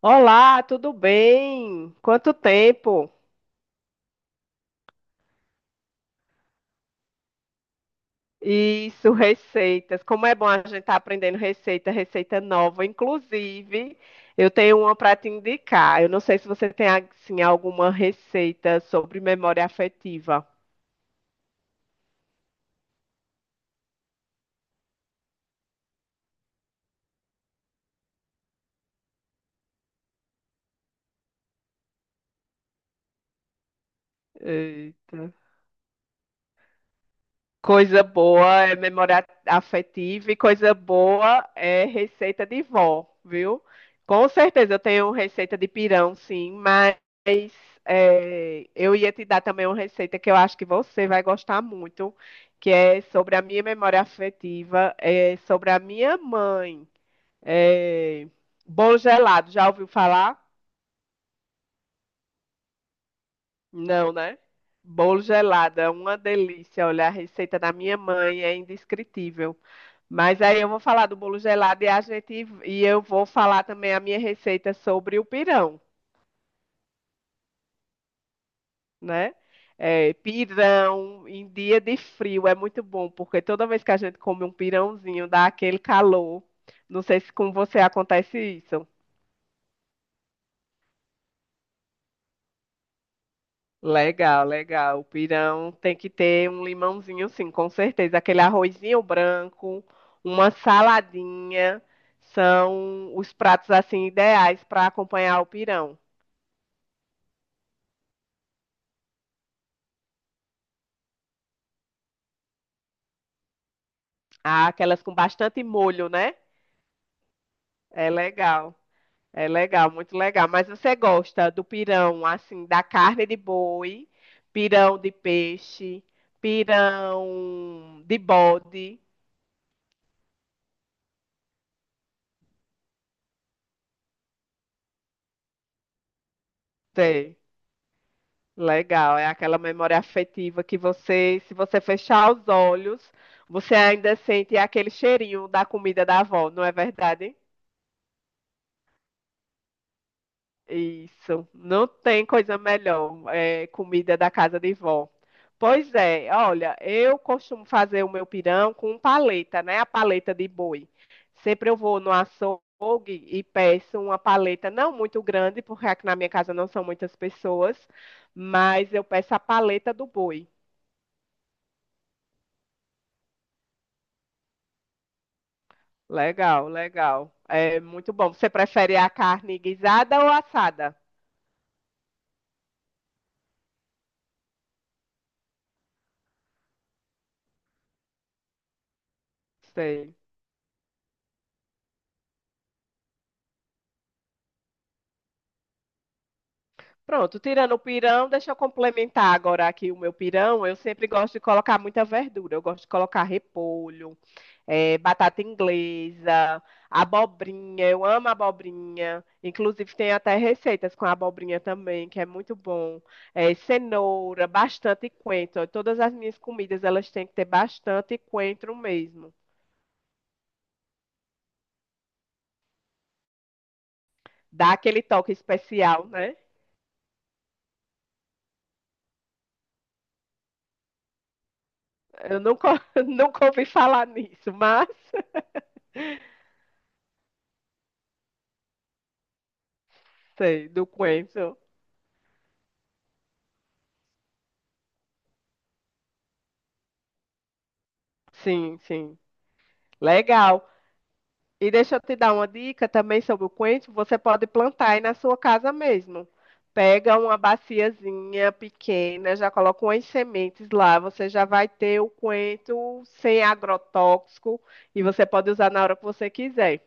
Olá, tudo bem? Quanto tempo? Isso, receitas. Como é bom a gente estar aprendendo receita, receita nova. Inclusive, eu tenho uma para te indicar. Eu não sei se você tem assim, alguma receita sobre memória afetiva. Eita. Coisa boa é memória afetiva e coisa boa é receita de vó, viu? Com certeza eu tenho receita de pirão, sim, mas é, eu ia te dar também uma receita que eu acho que você vai gostar muito, que é sobre a minha memória afetiva, é sobre a minha mãe. É, bolo gelado, já ouviu falar? Não, né? Bolo gelado é uma delícia. Olha, a receita da minha mãe é indescritível. Mas aí eu vou falar do bolo gelado e a gente e eu vou falar também a minha receita sobre o pirão, né? É, pirão em dia de frio é muito bom, porque toda vez que a gente come um pirãozinho dá aquele calor. Não sei se com você acontece isso. Legal, legal. O pirão tem que ter um limãozinho, sim, com certeza. Aquele arrozinho branco, uma saladinha, são os pratos assim ideais para acompanhar o pirão. Ah, aquelas com bastante molho, né? É legal. É legal, muito legal. Mas você gosta do pirão, assim, da carne de boi, pirão de peixe, pirão de bode? Sei. Legal, é aquela memória afetiva que você, se você fechar os olhos, você ainda sente aquele cheirinho da comida da avó, não é verdade? Isso, não tem coisa melhor, é, comida da casa de vó. Pois é, olha, eu costumo fazer o meu pirão com paleta, né? A paleta de boi. Sempre eu vou no açougue e peço uma paleta não muito grande, porque aqui na minha casa não são muitas pessoas, mas eu peço a paleta do boi. Legal, legal. É muito bom. Você prefere a carne guisada ou assada? Sei. Pronto, tirando o pirão, deixa eu complementar agora aqui o meu pirão. Eu sempre gosto de colocar muita verdura. Eu gosto de colocar repolho, batata inglesa, abobrinha. Eu amo abobrinha. Inclusive, tem até receitas com abobrinha também, que é muito bom. Cenoura, bastante coentro. Todas as minhas comidas, elas têm que ter bastante coentro mesmo. Dá aquele toque especial, né? Eu nunca, nunca ouvi falar nisso, mas sei, do coentro. Sim, sim. Legal. E deixa eu te dar uma dica também sobre o coentro. Você pode plantar aí na sua casa mesmo. Pega uma baciazinha pequena, já coloca umas sementes lá. Você já vai ter o coentro sem agrotóxico e você pode usar na hora que você quiser.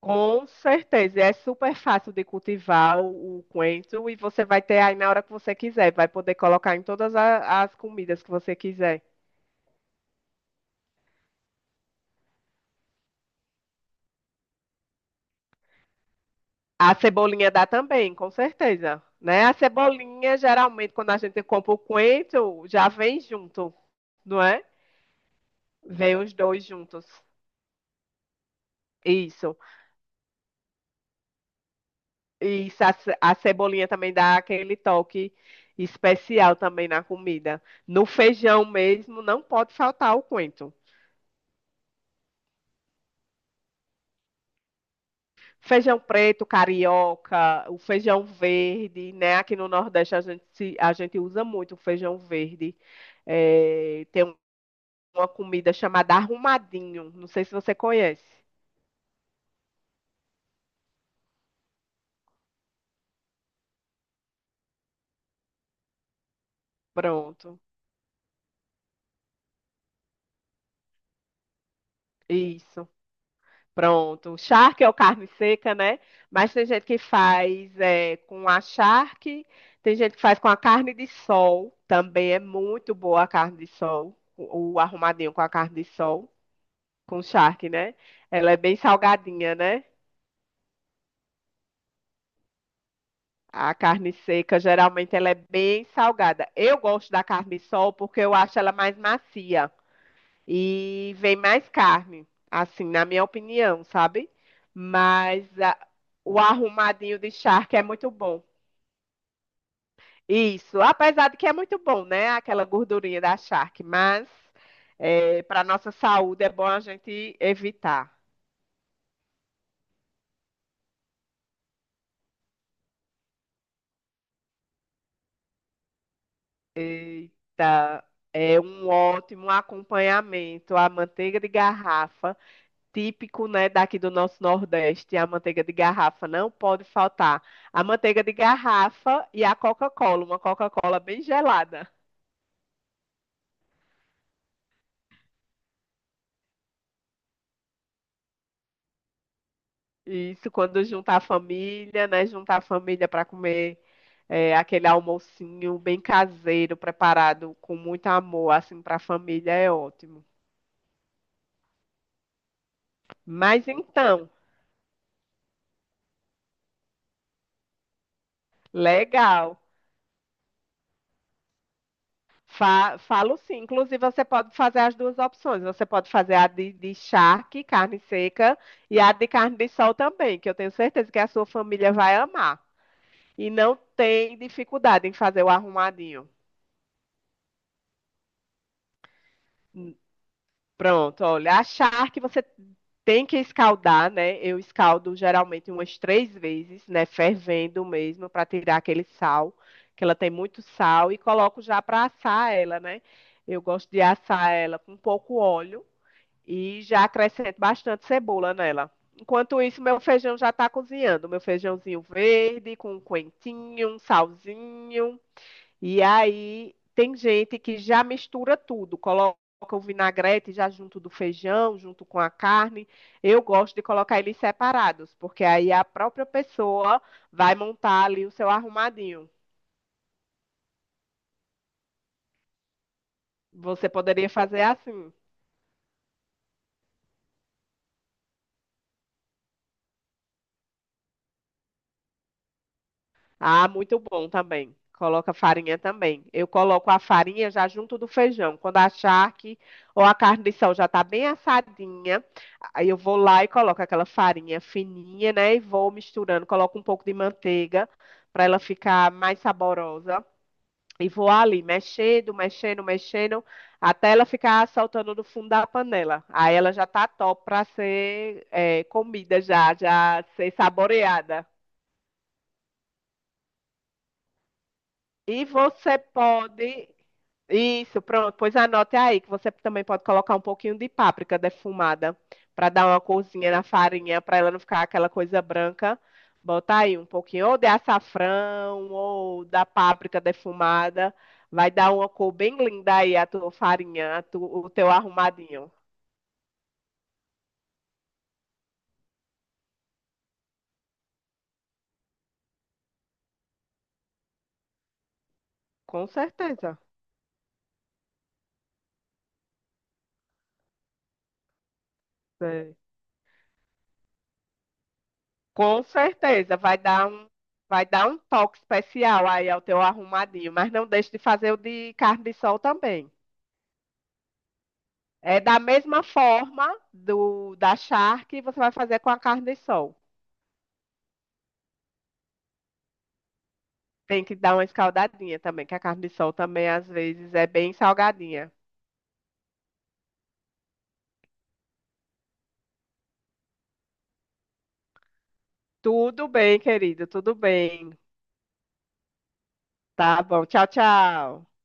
Com certeza, é super fácil de cultivar o coentro e você vai ter aí na hora que você quiser. Vai poder colocar em todas as comidas que você quiser. A cebolinha dá também, com certeza, né? A cebolinha, geralmente, quando a gente compra o coentro, já vem junto, não é? Vem os dois juntos. Isso. E isso, a cebolinha também dá aquele toque especial também na comida. No feijão mesmo, não pode faltar o coentro. Feijão preto, carioca, o feijão verde, né? Aqui no Nordeste a gente, a gente usa muito o feijão verde. Tem uma comida chamada arrumadinho. Não sei se você conhece. Pronto. Isso. Pronto. Charque é o carne seca, né? Mas tem gente que faz é, com a charque, tem gente que faz com a carne de sol. Também é muito boa a carne de sol. O arrumadinho com a carne de sol, com charque, né? Ela é bem salgadinha, né? A carne seca, geralmente, ela é bem salgada. Eu gosto da carne de sol porque eu acho ela mais macia. E vem mais carne, assim, na minha opinião, sabe? Mas a- o arrumadinho de charque é muito bom. Isso, apesar de que é muito bom, né? Aquela gordurinha da charque, mas para nossa saúde é bom a gente evitar. Eita, é um ótimo acompanhamento, a manteiga de garrafa. Típico, né, daqui do nosso Nordeste, a manteiga de garrafa. Não pode faltar a manteiga de garrafa e a Coca-Cola, uma Coca-Cola bem gelada. E isso quando juntar a família, né, juntar a família para comer é, aquele almocinho bem caseiro, preparado com muito amor, assim, para a família é ótimo. Mas então, legal. Falo sim. Inclusive, você pode fazer as duas opções. Você pode fazer a de charque, carne seca, e a de carne de sol também, que eu tenho certeza que a sua família vai amar. E não tem dificuldade em fazer o arrumadinho. Hum, Pronto, olha. A charque você tem que escaldar, né? Eu escaldo geralmente umas três vezes, né? Fervendo mesmo, para tirar aquele sal, que ela tem muito sal, e coloco já para assar ela, né? Eu gosto de assar ela com pouco óleo. E já acrescento bastante cebola nela. Enquanto isso, meu feijão já está cozinhando. Meu feijãozinho verde, com um coentinho, um salzinho. E aí, tem gente que já mistura tudo, coloca o vinagrete já junto do feijão, junto com a carne. Eu gosto de colocar eles separados, porque aí a própria pessoa vai montar ali o seu arrumadinho. Você poderia fazer assim. Ah, muito bom também. Coloca farinha também. Eu coloco a farinha já junto do feijão. Quando achar que ou a carne de sol já está bem assadinha, aí eu vou lá e coloco aquela farinha fininha, né? E vou misturando. Coloco um pouco de manteiga para ela ficar mais saborosa. E vou ali mexendo, mexendo, mexendo, até ela ficar saltando do fundo da panela. Aí ela já tá top para ser comida já ser saboreada. E você pode Isso, pronto. Pois anote aí que você também pode colocar um pouquinho de páprica defumada para dar uma corzinha na farinha, para ela não ficar aquela coisa branca. Bota aí um pouquinho ou de açafrão ou da páprica defumada. Vai dar uma cor bem linda aí a tua farinha, o teu arrumadinho. Com certeza. Sei. Com certeza vai dar um toque especial aí ao teu arrumadinho, mas não deixe de fazer o de carne de sol também. É da mesma forma do da charque, você vai fazer com a carne de sol. Tem que dar uma escaldadinha também, que a carne de sol também às vezes é bem salgadinha. Tudo bem, querido, tudo bem. Tá bom. Tchau, tchau.